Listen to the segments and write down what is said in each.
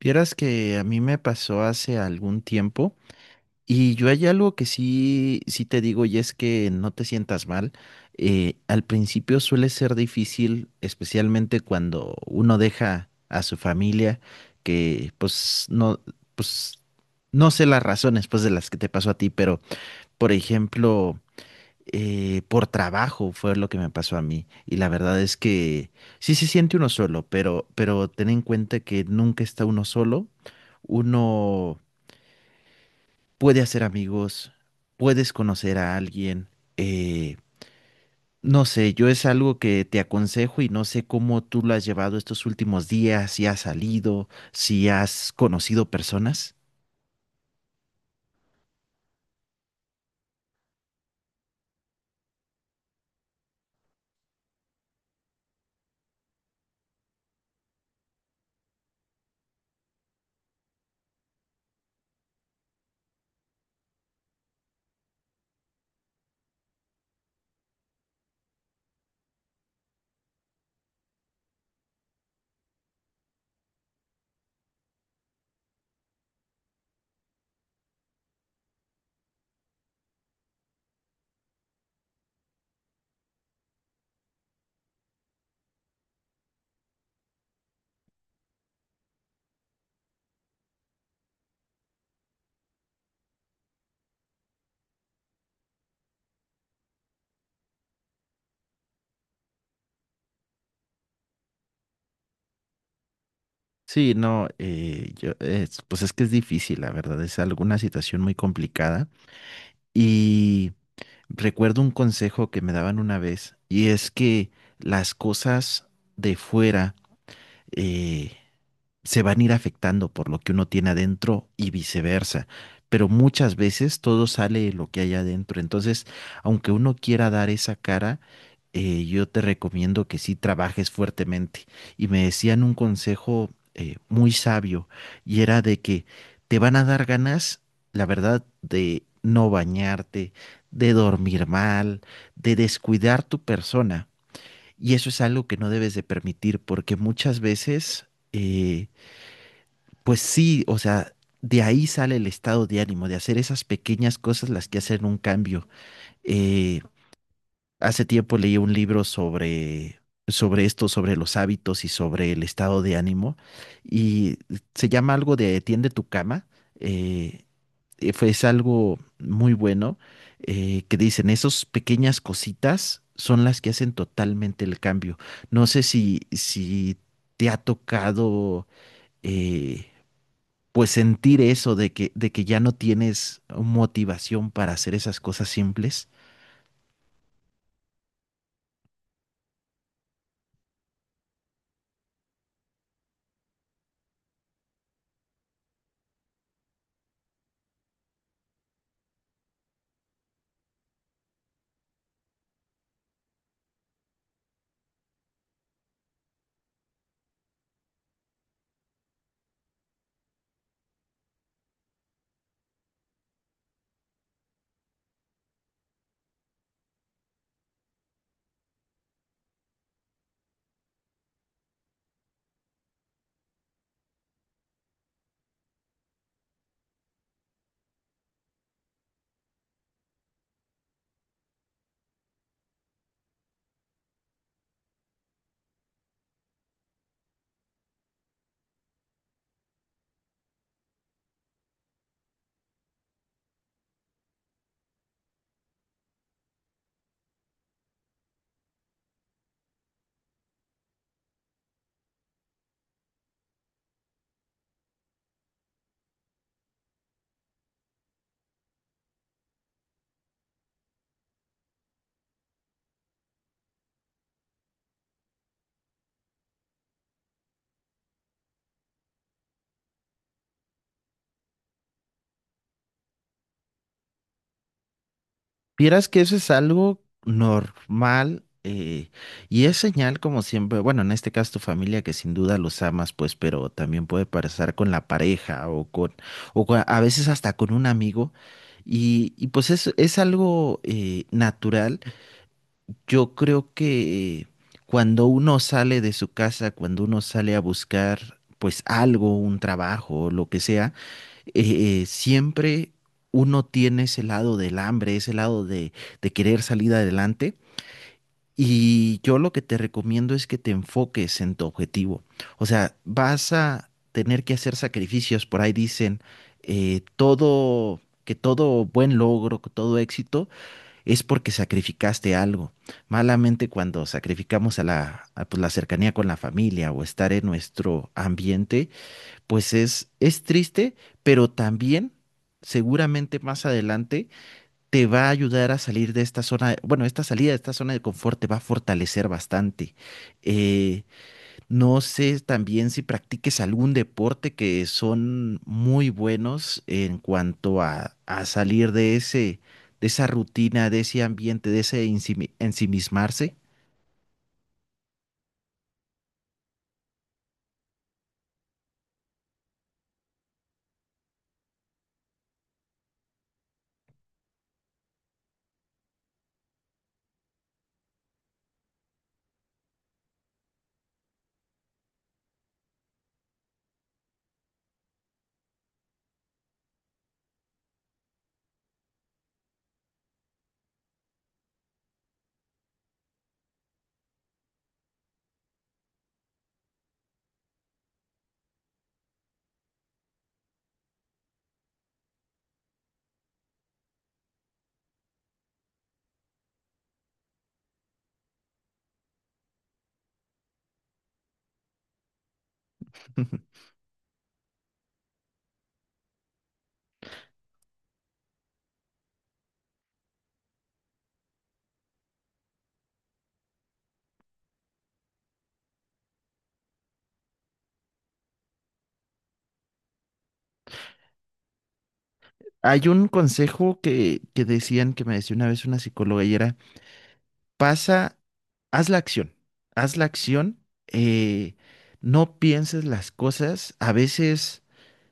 Vieras que a mí me pasó hace algún tiempo y yo hay algo que sí te digo y es que no te sientas mal. Al principio suele ser difícil, especialmente cuando uno deja a su familia, que pues no sé las razones pues de las que te pasó a ti, pero por ejemplo por trabajo fue lo que me pasó a mí. Y la verdad es que sí se siente uno solo, pero ten en cuenta que nunca está uno solo. Uno puede hacer amigos, puedes conocer a alguien. eh, no sé, yo es algo que te aconsejo y no sé cómo tú lo has llevado estos últimos días, si has salido, si has conocido personas. Sí, no, yo, pues es que es difícil, la verdad, es alguna situación muy complicada. y Recuerdo un consejo que me daban una vez y es que las cosas de fuera, eh, se van a ir afectando por lo que uno tiene adentro y viceversa. Pero muchas veces todo sale de lo que hay adentro. Entonces, aunque uno quiera dar esa cara, yo te recomiendo que sí trabajes fuertemente. Y me decían un consejo muy sabio y era de que te van a dar ganas, la verdad, de no bañarte, de dormir mal, de descuidar tu persona. Y eso es algo que no debes de permitir porque muchas veces... pues sí, o sea, de ahí sale el estado de ánimo, de hacer esas pequeñas cosas las que hacen un cambio. Eh, hace tiempo leí un libro sobre esto, sobre los hábitos y sobre el estado de ánimo, y se llama algo de Tiende tu cama. eh, es algo muy bueno que dicen, esas pequeñas cositas son las que hacen totalmente el cambio. No sé si te ha tocado... eh, pues sentir eso de que ya no tienes motivación para hacer esas cosas simples. Vieras que eso es algo normal, y es señal como siempre, bueno, en este caso tu familia que sin duda los amas, pues, pero también puede pasar con la pareja o con, a veces hasta con un amigo y pues es algo natural. Yo creo que cuando uno sale de su casa, cuando uno sale a buscar pues algo, un trabajo, lo que sea, siempre uno tiene ese lado del hambre, ese lado de querer salir adelante. Y yo lo que te recomiendo es que te enfoques en tu objetivo. O sea, vas a tener que hacer sacrificios. Por ahí dicen que todo buen logro, que todo éxito es porque sacrificaste algo. Malamente cuando sacrificamos a la, a, pues, la cercanía con la familia o estar en nuestro ambiente, pues es triste, pero también seguramente más adelante te va a ayudar a salir de esta zona, bueno, esta salida de esta zona de confort te va a fortalecer bastante. Eh, no sé también si practiques algún deporte que son muy buenos en cuanto a salir de ese, de esa rutina, de ese ambiente, de ese ensimismarse. Hay un consejo que decían, que me decía una vez una psicóloga y era, pasa, haz la acción, haz la acción, eh, no pienses las cosas. A veces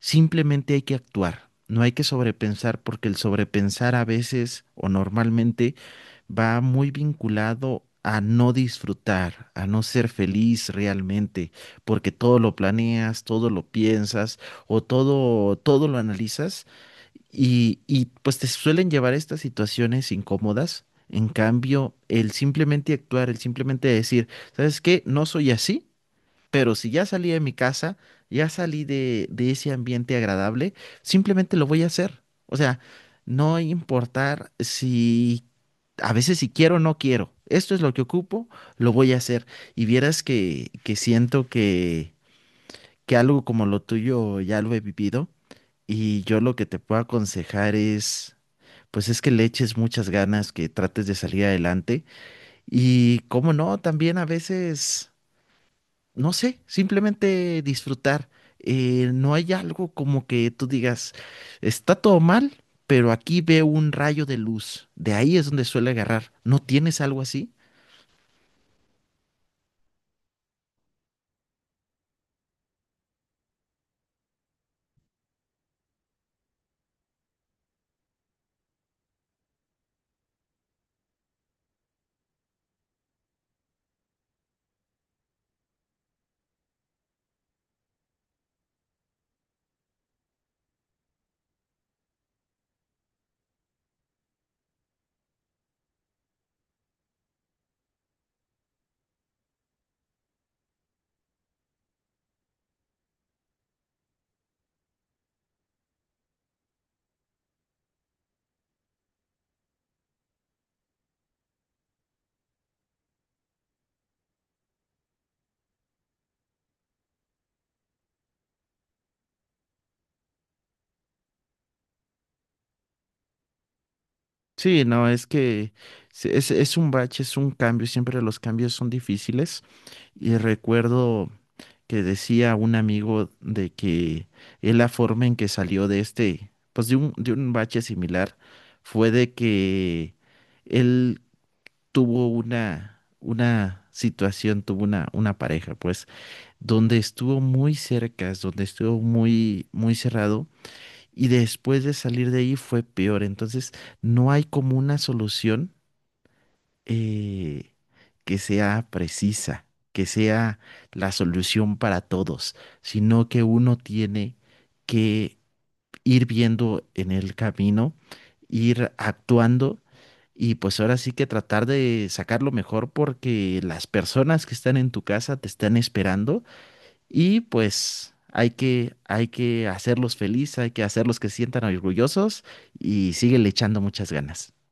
simplemente hay que actuar, no hay que sobrepensar porque el sobrepensar a veces o normalmente va muy vinculado a no disfrutar, a no ser feliz realmente, porque todo lo planeas, todo lo piensas o todo lo analizas y pues te suelen llevar a estas situaciones incómodas. En cambio, el simplemente actuar, el simplemente decir, ¿sabes qué? No soy así, pero si ya salí de mi casa, ya salí de ese ambiente agradable, simplemente lo voy a hacer. O sea, no importar si a veces si quiero o no quiero. Esto es lo que ocupo, lo voy a hacer. Y vieras que siento que algo como lo tuyo ya lo he vivido. Y yo lo que te puedo aconsejar es, pues es que le eches muchas ganas, que trates de salir adelante. Y cómo no, también a veces no sé, simplemente disfrutar. No hay algo como que tú digas, está todo mal, pero aquí veo un rayo de luz. De ahí es donde suele agarrar. ¿No tienes algo así? Sí, no, es que es un bache, es un cambio. Siempre los cambios son difíciles. Y recuerdo que decía un amigo de que él la forma en que salió de este, pues de un bache similar, fue de que él tuvo una situación, tuvo una pareja, pues, donde estuvo muy cerca, es donde estuvo muy, muy cerrado, y después de salir de ahí fue peor. Entonces, no hay como una solución eh, que sea precisa, que sea la solución para todos, sino que uno tiene que ir viendo en el camino, ir actuando y pues ahora sí que tratar de sacar lo mejor porque las personas que están en tu casa te están esperando y pues hay que hacerlos felices, hay que hacerlos que se sientan orgullosos y síguele echando muchas ganas.